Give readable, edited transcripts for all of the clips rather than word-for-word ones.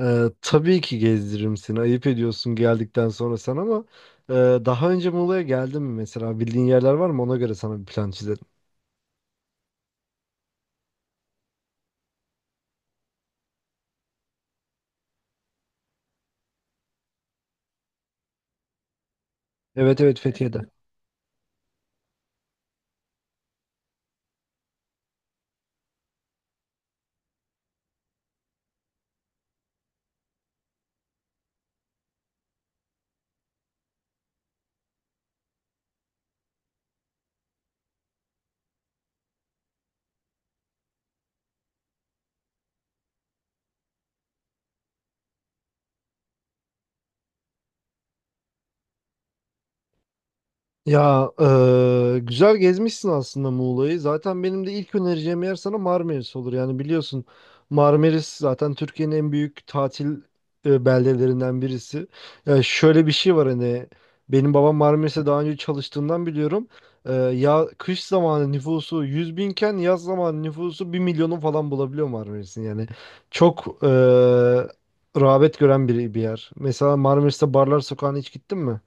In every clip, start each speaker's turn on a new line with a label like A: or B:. A: Tabii ki gezdiririm seni. Ayıp ediyorsun geldikten sonra sen ama e, daha önce Muğla'ya geldin mi mesela? Bildiğin yerler var mı? Ona göre sana bir plan çizelim. Evet, evet, Fethiye'de. Ya güzel gezmişsin aslında Muğla'yı. Zaten benim de ilk önereceğim yer sana Marmaris olur. Yani biliyorsun, Marmaris zaten Türkiye'nin en büyük tatil beldelerinden birisi. Ya şöyle bir şey var, hani benim babam Marmaris'e daha önce çalıştığından biliyorum. Ya, kış zamanı nüfusu 100 binken yaz zamanı nüfusu bir milyonu falan bulabiliyor Marmaris'in. Yani çok rağbet gören bir yer. Mesela Marmaris'te Barlar Sokağı'na hiç gittin mi?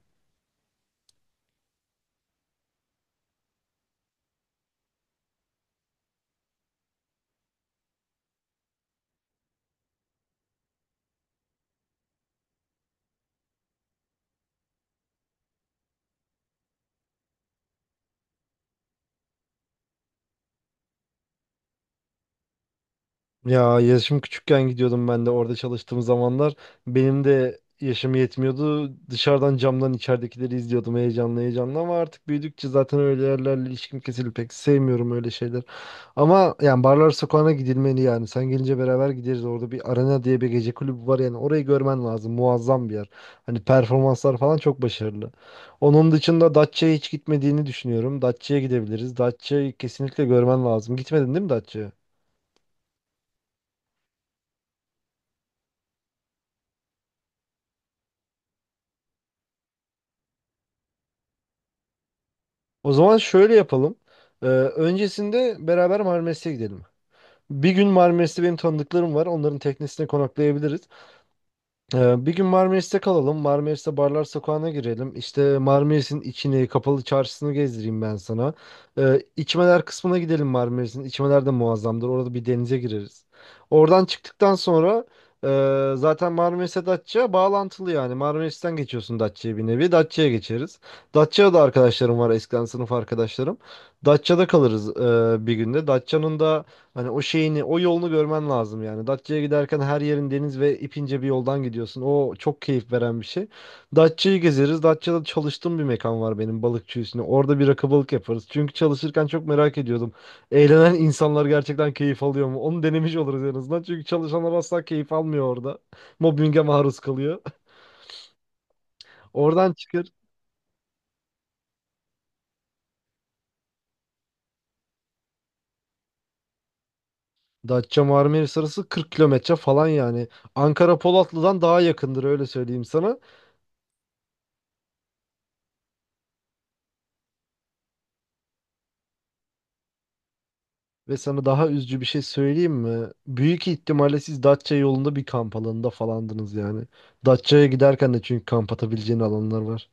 A: Ya, yaşım küçükken gidiyordum ben de orada çalıştığım zamanlar. Benim de yaşım yetmiyordu. Dışarıdan camdan içeridekileri izliyordum heyecanlı heyecanlı, ama artık büyüdükçe zaten öyle yerlerle ilişkim kesildi. Pek sevmiyorum öyle şeyler. Ama yani barlar sokağına gidilmeli yani. Sen gelince beraber gideriz. Orada bir arena diye bir gece kulübü var yani. Orayı görmen lazım. Muazzam bir yer. Hani performanslar falan çok başarılı. Onun dışında Datça'ya hiç gitmediğini düşünüyorum. Datça'ya gidebiliriz. Datça'yı kesinlikle görmen lazım. Gitmedin değil mi Datça'ya? O zaman şöyle yapalım. Öncesinde beraber Marmaris'e gidelim. Bir gün Marmaris'te benim tanıdıklarım var. Onların teknesine konaklayabiliriz. Bir gün Marmaris'te kalalım. Marmaris'te barlar sokağına girelim. İşte Marmaris'in içini, kapalı çarşısını gezdireyim ben sana. İçmeler kısmına gidelim Marmaris'in. İçmeler de muazzamdır. Orada bir denize gireriz. Oradan çıktıktan sonra zaten Marmaris'e Datça bağlantılı yani. Marmaris'ten geçiyorsun Datça'ya bir nevi. Datça'ya geçeriz. Datça'da da arkadaşlarım var. Eskiden sınıf arkadaşlarım. Datça'da kalırız bir günde. Datça'nın da hani o şeyini, o yolunu görmen lazım yani. Datça'ya giderken her yerin deniz ve ipince bir yoldan gidiyorsun. O çok keyif veren bir şey. Datça'yı gezeriz. Datça'da çalıştığım bir mekan var benim, balıkçı üstüne. Orada bir rakı balık yaparız. Çünkü çalışırken çok merak ediyordum. Eğlenen insanlar gerçekten keyif alıyor mu? Onu denemiş oluruz en azından. Çünkü çalışanlar asla keyif almıyor orada. Mobbinge maruz kalıyor. Oradan çıkar. Datça Marmaris arası 40 kilometre falan yani. Ankara Polatlı'dan daha yakındır, öyle söyleyeyim sana. Ve sana daha üzücü bir şey söyleyeyim mi? Büyük ihtimalle siz Datça yolunda bir kamp alanında falandınız yani. Datça'ya giderken de çünkü kamp atabileceğin alanlar var.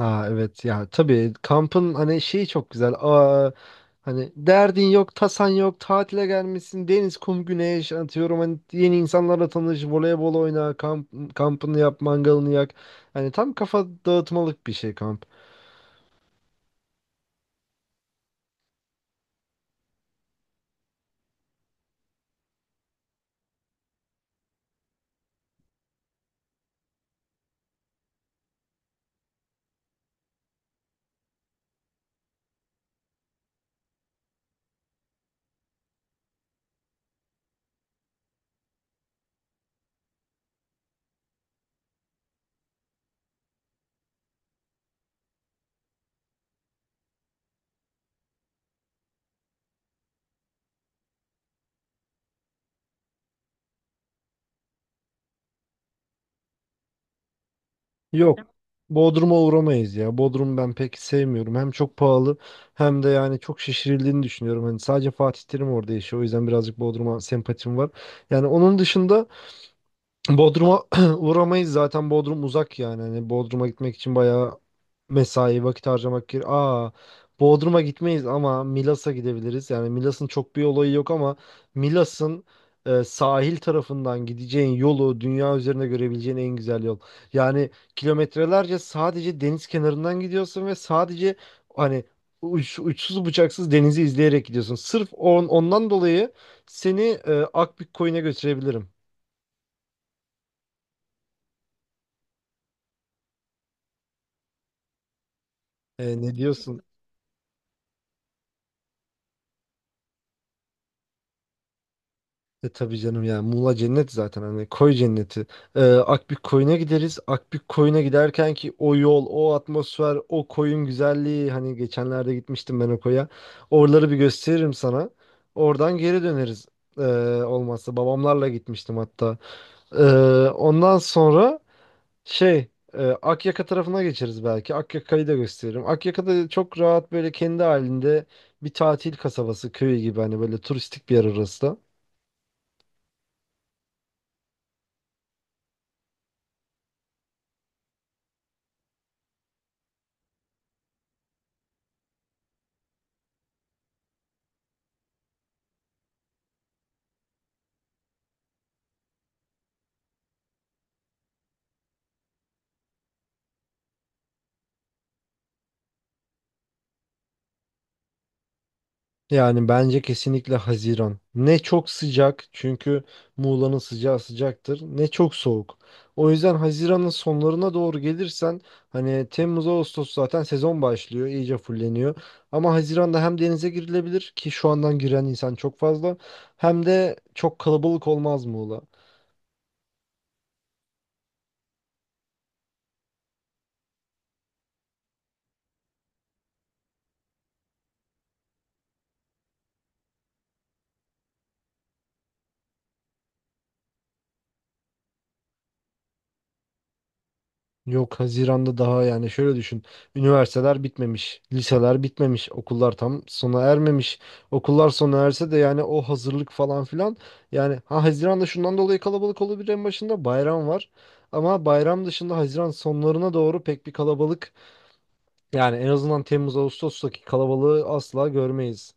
A: Aa, evet ya, tabii kampın hani şeyi çok güzel. Aa, hani derdin yok, tasan yok, tatile gelmişsin, deniz, kum, güneş atıyorum. Hani yeni insanlarla tanış, voleybol oyna, kamp, kampını yap, mangalını yak. Hani tam kafa dağıtmalık bir şey kamp. Yok. Bodrum'a uğramayız ya. Bodrum ben pek sevmiyorum. Hem çok pahalı hem de yani çok şişirildiğini düşünüyorum. Hani sadece Fatih Terim orada yaşıyor. O yüzden birazcık Bodrum'a sempatim var. Yani onun dışında Bodrum'a uğramayız, zaten Bodrum uzak yani. Hani Bodrum'a gitmek için bayağı mesai vakit harcamak gerekiyor. Aa, Bodrum'a gitmeyiz ama Milas'a gidebiliriz. Yani Milas'ın çok bir olayı yok ama Milas'ın sahil tarafından gideceğin yolu, dünya üzerinde görebileceğin en güzel yol. Yani kilometrelerce sadece deniz kenarından gidiyorsun ve sadece, hani, uçsuz bucaksız denizi izleyerek gidiyorsun. Sırf ondan dolayı seni Akbük Koyun'a götürebilirim. E, ne diyorsun? E, tabii canım ya, Muğla cennet zaten, hani koy cenneti. Akbük Koyun'a gideriz. Akbük Koyun'a giderken ki o yol, o atmosfer, o koyun güzelliği, hani geçenlerde gitmiştim ben o koya. Oraları bir gösteririm sana. Oradan geri döneriz. Ee, Olmazsa babamlarla gitmiştim hatta. Ee, Ondan sonra, şey, Akyaka tarafına geçeriz belki. Akyaka'yı da gösteririm. Akyaka'da çok rahat, böyle kendi halinde bir tatil kasabası köyü gibi, hani böyle turistik bir yer orası da. Yani bence kesinlikle Haziran. Ne çok sıcak, çünkü Muğla'nın sıcağı sıcaktır, ne çok soğuk. O yüzden Haziran'ın sonlarına doğru gelirsen, hani Temmuz Ağustos zaten sezon başlıyor, iyice fulleniyor. Ama Haziran'da hem denize girilebilir ki şu andan giren insan çok fazla, hem de çok kalabalık olmaz Muğla. Yok, Haziran'da daha, yani şöyle düşün. Üniversiteler bitmemiş, liseler bitmemiş, okullar tam sona ermemiş. Okullar sona erse de yani o hazırlık falan filan. Yani ha, Haziran'da şundan dolayı kalabalık olabilir, en başında bayram var. Ama bayram dışında Haziran sonlarına doğru pek bir kalabalık, yani en azından Temmuz Ağustos'taki kalabalığı asla görmeyiz.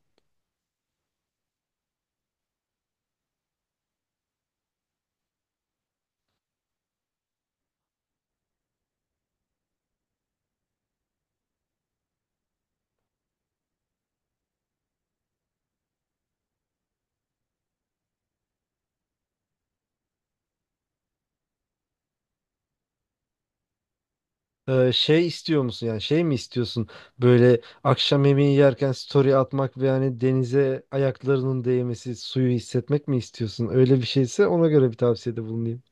A: Şey istiyor musun, yani şey mi istiyorsun, böyle akşam yemeği yerken story atmak ve yani denize ayaklarının değmesi, suyu hissetmek mi istiyorsun? Öyle bir şeyse ona göre bir tavsiyede bulunayım.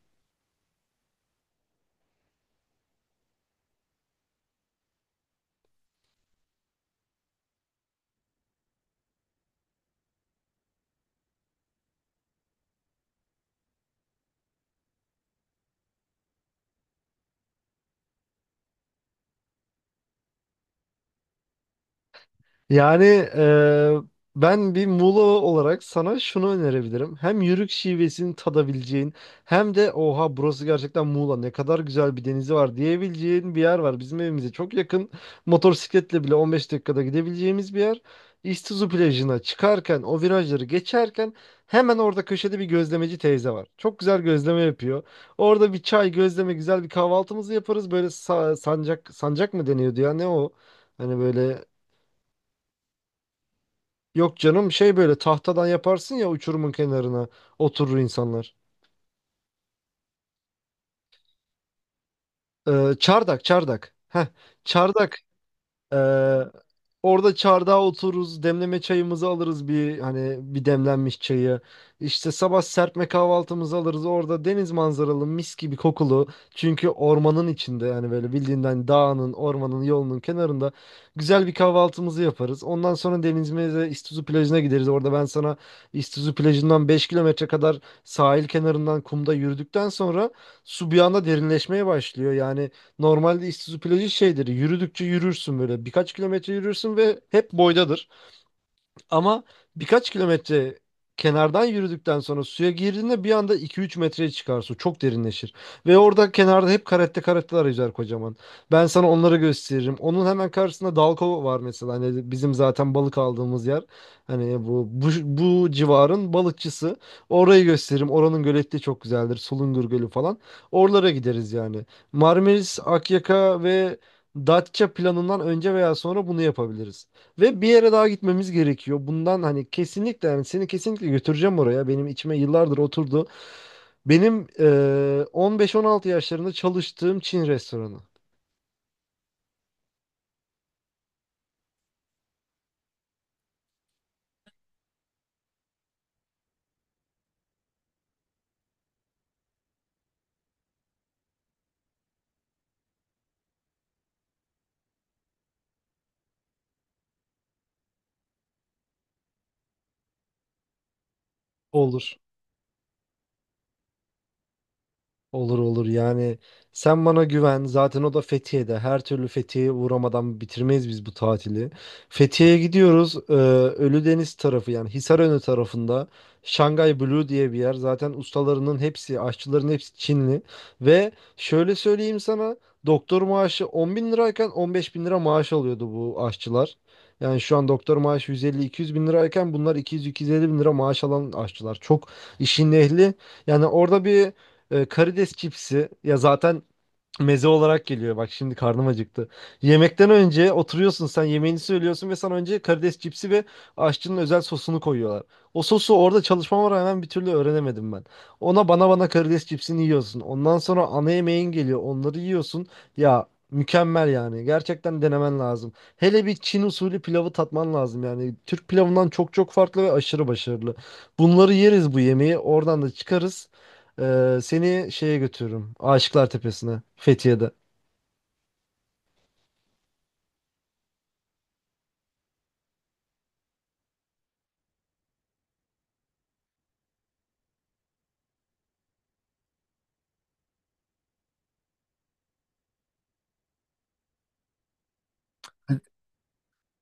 A: Yani eee, ben bir Muğla olarak sana şunu önerebilirim. Hem yörük şivesini tadabileceğin hem de oha, burası gerçekten Muğla, ne kadar güzel bir denizi var diyebileceğin bir yer var. Bizim evimize çok yakın, motosikletle bile 15 dakikada gidebileceğimiz bir yer. İztuzu plajına çıkarken o virajları geçerken hemen orada köşede bir gözlemeci teyze var. Çok güzel gözleme yapıyor. Orada bir çay gözleme, güzel bir kahvaltımızı yaparız. Böyle sancak sancak mı deniyordu ya, ne o? Hani böyle. Yok canım, şey, böyle tahtadan yaparsın ya uçurumun kenarına, oturur insanlar. Çardak, çardak. Heh, çardak. Ee, Orada çardağa otururuz, demleme çayımızı alırız, bir hani bir demlenmiş çayı. İşte sabah serpme kahvaltımızı alırız. Orada deniz manzaralı, mis gibi kokulu. Çünkü ormanın içinde yani, böyle bildiğinden dağının, ormanın, yolunun kenarında güzel bir kahvaltımızı yaparız. Ondan sonra denizimize, İstizu plajına gideriz. Orada ben sana İstizu plajından 5 kilometre kadar sahil kenarından kumda yürüdükten sonra su bir anda derinleşmeye başlıyor. Yani normalde Isuzu plajı şeydir. Yürüdükçe yürürsün böyle. Birkaç kilometre yürürsün ve hep boydadır. Ama birkaç kilometre kenardan yürüdükten sonra suya girdiğinde bir anda 2-3 metreye çıkar su. Çok derinleşir. Ve orada kenarda hep karetteler yüzer, kocaman. Ben sana onları gösteririm. Onun hemen karşısında Dalkova var mesela. Hani bizim zaten balık aldığımız yer. Hani bu civarın balıkçısı. Orayı gösteririm. Oranın göleti çok güzeldir. Sulungur Gölü falan. Oralara gideriz yani. Marmaris, Akyaka ve Datça planından önce veya sonra bunu yapabiliriz. Ve bir yere daha gitmemiz gerekiyor. Bundan, hani, kesinlikle yani seni kesinlikle götüreceğim oraya. Benim içime yıllardır oturdu. Benim 15-16 yaşlarında çalıştığım Çin restoranı. Olur. Olur, olur, yani sen bana güven, zaten o da Fethiye'de. Her türlü Fethiye'ye uğramadan bitirmeyiz biz bu tatili. Fethiye'ye gidiyoruz. Ölüdeniz tarafı, yani Hisarönü tarafında Şangay Blue diye bir yer. Zaten ustalarının hepsi, aşçıların hepsi Çinli. Ve şöyle söyleyeyim sana, doktor maaşı 10 bin lirayken 15 bin lira maaş alıyordu bu aşçılar. Yani şu an doktor maaşı 150-200 bin lirayken bunlar 200-250 bin lira maaş alan aşçılar. Çok işin ehli. Yani orada bir karides cipsi ya zaten meze olarak geliyor. Bak, şimdi karnım acıktı. Yemekten önce oturuyorsun, sen yemeğini söylüyorsun ve sana önce karides cipsi ve aşçının özel sosunu koyuyorlar. O sosu orada çalışmama rağmen bir türlü öğrenemedim ben. Ona bana karides cipsini yiyorsun. Ondan sonra ana yemeğin geliyor. Onları yiyorsun. Ya mükemmel yani. Gerçekten denemen lazım. Hele bir Çin usulü pilavı tatman lazım yani. Türk pilavından çok çok farklı ve aşırı başarılı. Bunları yeriz bu yemeği. Oradan da çıkarız. Seni şeye götürürüm, Aşıklar Tepesi'ne, Fethiye'de.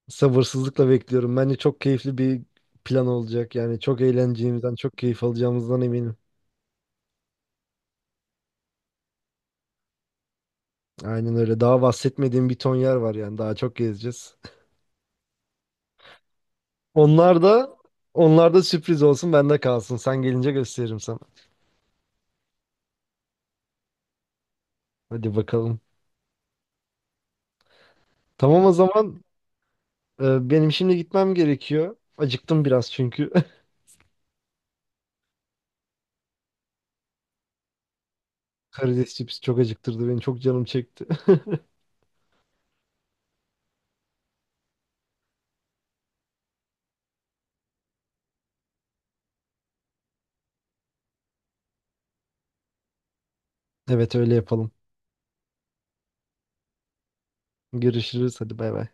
A: Sabırsızlıkla bekliyorum. Bence çok keyifli bir plan olacak. Yani çok eğleneceğimizden, çok keyif alacağımızdan eminim. Aynen öyle. Daha bahsetmediğim bir ton yer var yani. Daha çok gezeceğiz. Onlar da Onlar da sürpriz olsun, bende kalsın. Sen gelince gösteririm sana. Hadi bakalım. Tamam, o zaman. Benim şimdi gitmem gerekiyor. Acıktım biraz çünkü. Karides cipsi çok acıktırdı beni. Çok canım çekti. Evet, öyle yapalım. Görüşürüz. Hadi, bay bay.